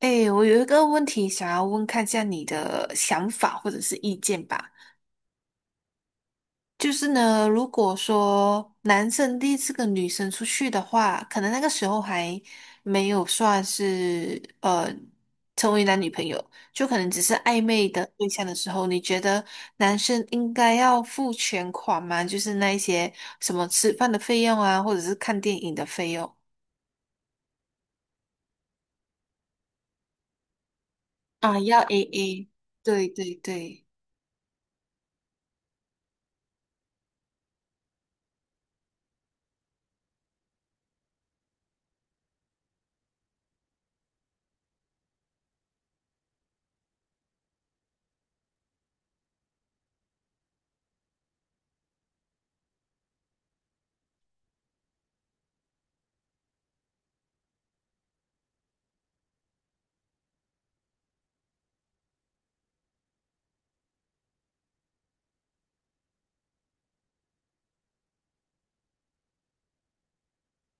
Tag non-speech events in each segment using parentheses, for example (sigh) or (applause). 哎，我有一个问题想要问，看一下你的想法或者是意见吧。就是呢，如果说男生第一次跟女生出去的话，可能那个时候还没有算是成为男女朋友，就可能只是暧昧的对象的时候，你觉得男生应该要付全款吗？就是那一些什么吃饭的费用啊，或者是看电影的费用啊，要 AA。对对对，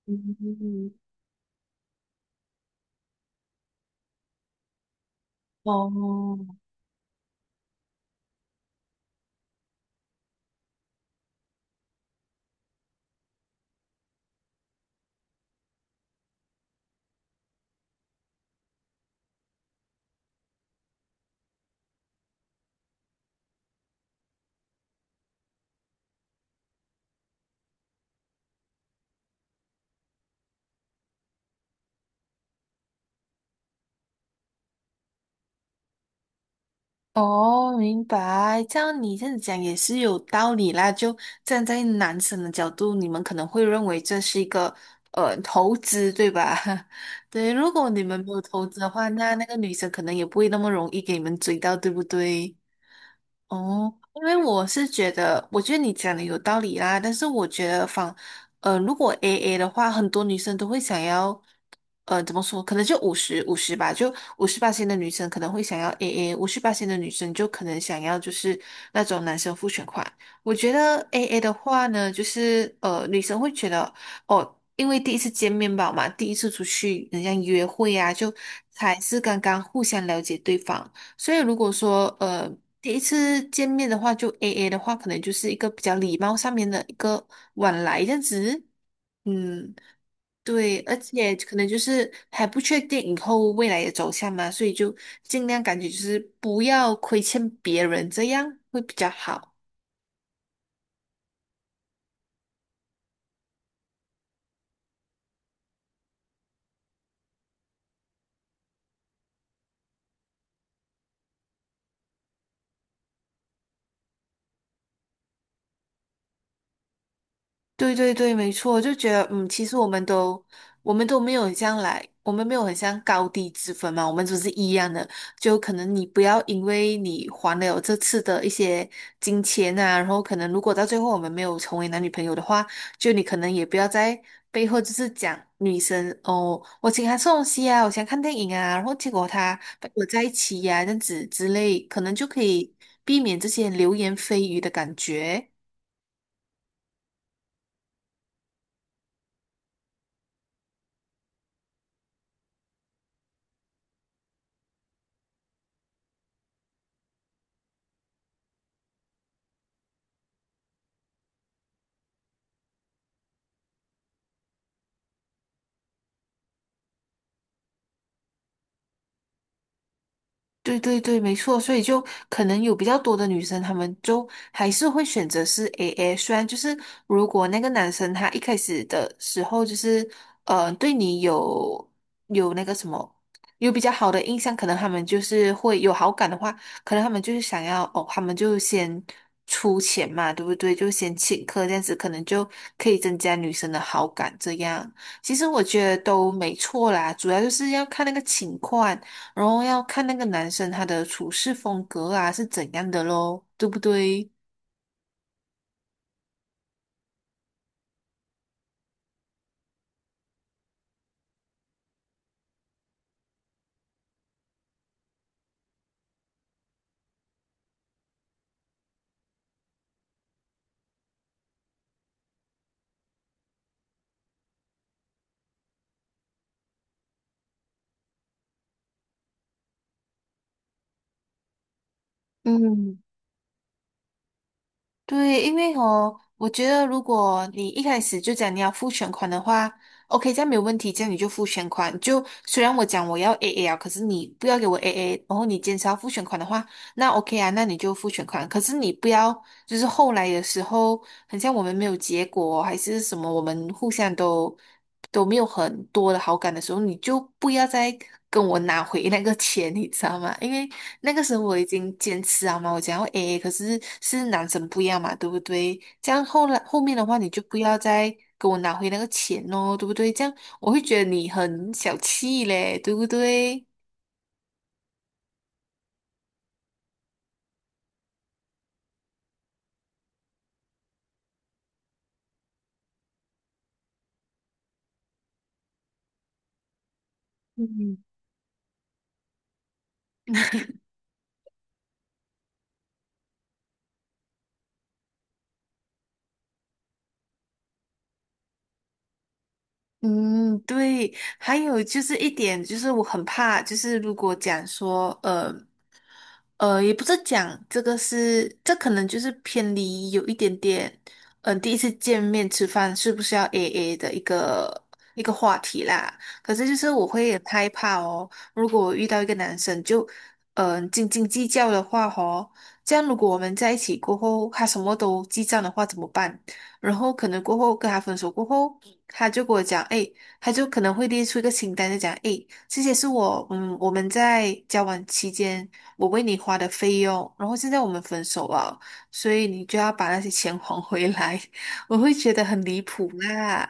嗯，哦。哦，明白。这样你这样讲也是有道理啦。就站在男生的角度，你们可能会认为这是一个投资，对吧？(laughs) 对，如果你们没有投资的话，那个女生可能也不会那么容易给你们追到，对不对？哦，因为我是觉得，我觉得你讲的有道理啦，但是我觉得仿，如果 AA 的话，很多女生都会想要，怎么说？可能就五十五十吧，就五十八线的女生可能会想要 AA，五十八线的女生就可能想要就是那种男生付全款。我觉得 AA 的话呢，就是女生会觉得哦。因为第一次见面吧嘛，第一次出去，人家约会啊，就才是刚刚互相了解对方。所以如果说第一次见面的话，就 AA 的话，可能就是一个比较礼貌上面的一个往来这样子。嗯，对，而且可能就是还不确定以后未来的走向嘛，所以就尽量感觉就是不要亏欠别人，这样会比较好。对对对，没错，就觉得嗯，其实我们都没有很像来，我们没有很像高低之分嘛，我们都是一样的。就可能你不要因为你还了这次的一些金钱啊，然后可能如果到最后我们没有成为男女朋友的话，就你可能也不要在背后就是讲女生哦，我请她吃东西啊，我想看电影啊，然后结果她跟我在一起呀、这样子之类，可能就可以避免这些流言蜚语的感觉。对对对，没错，所以就可能有比较多的女生，她们就还是会选择是 AA。虽然就是如果那个男生他一开始的时候就是对你有有那个什么有比较好的印象，可能他们就是会有好感的话，可能他们就是想要哦，他们就先出钱嘛，对不对？就先请客这样子，可能就可以增加女生的好感。这样其实我觉得都没错啦，主要就是要看那个情况。然后要看那个男生他的处事风格啊是怎样的咯，对不对？嗯对，因为哦，我觉得如果你一开始就讲你要付全款的话，OK，这样没有问题，这样你就付全款。就虽然我讲我要 AA 啊，可是你不要给我 AA，然后你坚持要付全款的话，那 OK 啊，那你就付全款。可是你不要就是后来的时候，很像我们没有结果，还是什么，我们互相都没有很多的好感的时候，你就不要再跟我拿回那个钱，你知道吗？因为那个时候我已经坚持了嘛，我讲要 AA，可是是男生不一样嘛，对不对？这样后来后面的话，你就不要再跟我拿回那个钱哦，对不对？这样我会觉得你很小气嘞，对不对？嗯嗯，对，还有就是一点，就是我很怕，就是如果讲说，也不是讲这个是，这可能就是偏离有一点点，嗯、第一次见面吃饭是不是要 AA 的一个话题啦。可是就是我会很害怕哦，如果我遇到一个男生就，斤斤计较的话哦，这样如果我们在一起过后，他什么都记账的话怎么办？然后可能过后跟他分手过后，他就跟我讲，哎，他就可能会列出一个清单，就讲，诶，这些是我，我们在交往期间我为你花的费用，然后现在我们分手了，所以你就要把那些钱 (laughs) 还回来。(laughs) 我会觉得很离谱啦，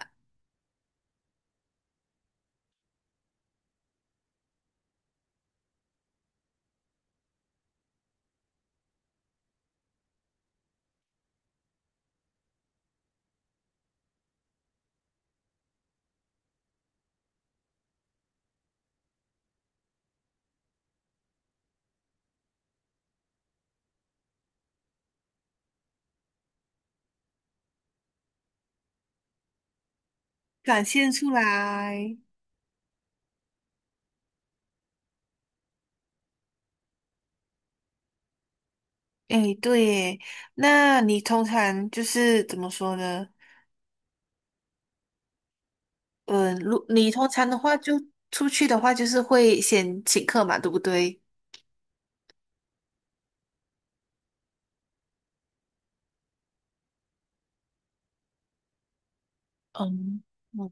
展现出来。诶，对耶，那你通常就是怎么说呢？嗯，如你通常的话就出去的话，就是会先请客嘛，对不对？嗯，嗯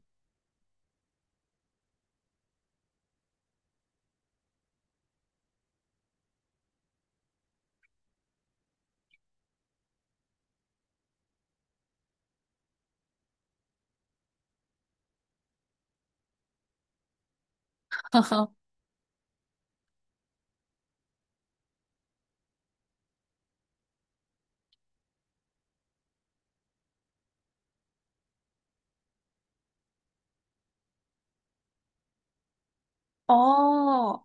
(laughs)，哦，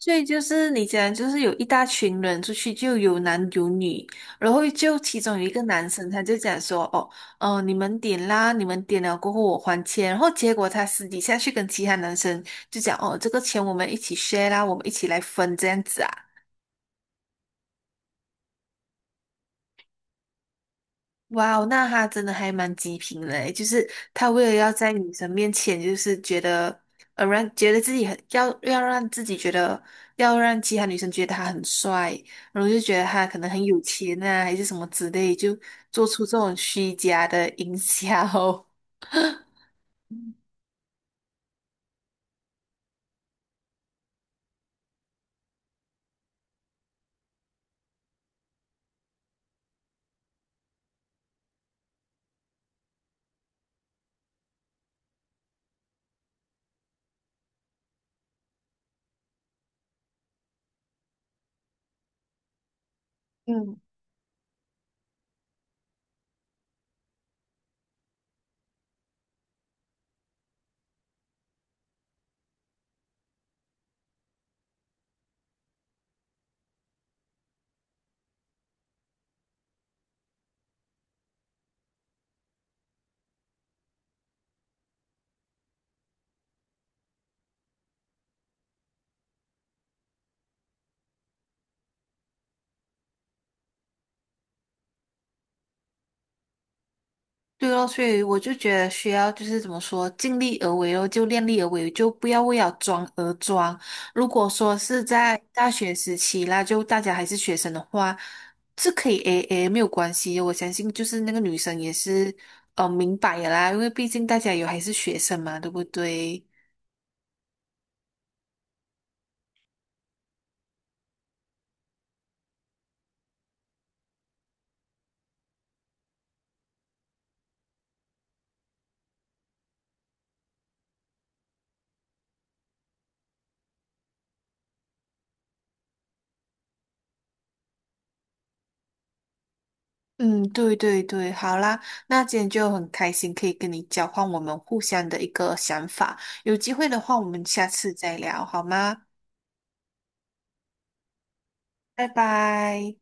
所以就是你讲，就是有一大群人出去，就有男有女，然后就其中有一个男生，他就讲说，哦，你们点啦，你们点了过后我还钱，然后结果他私底下去跟其他男生就讲，哦，这个钱我们一起 share 啦，我们一起来分这样子啊。哇哦，那他真的还蛮极品嘞！就是他为了要在女生面前，就是觉得，呃，让觉得自己很要要让自己觉得，要让其他女生觉得他很帅，然后就觉得他可能很有钱啊，还是什么之类，就做出这种虚假的营销。(laughs) 嗯。对哦，所以我就觉得需要就是怎么说，尽力而为哦，就量力而为，就不要为了装而装。如果说是在大学时期啦，就大家还是学生的话，是可以 AA 没有关系的我相信就是那个女生也是明白的啦，因为毕竟大家有还是学生嘛，对不对？嗯，对对对，好啦，那今天就很开心可以跟你交换我们互相的一个想法，有机会的话我们下次再聊好吗？拜拜。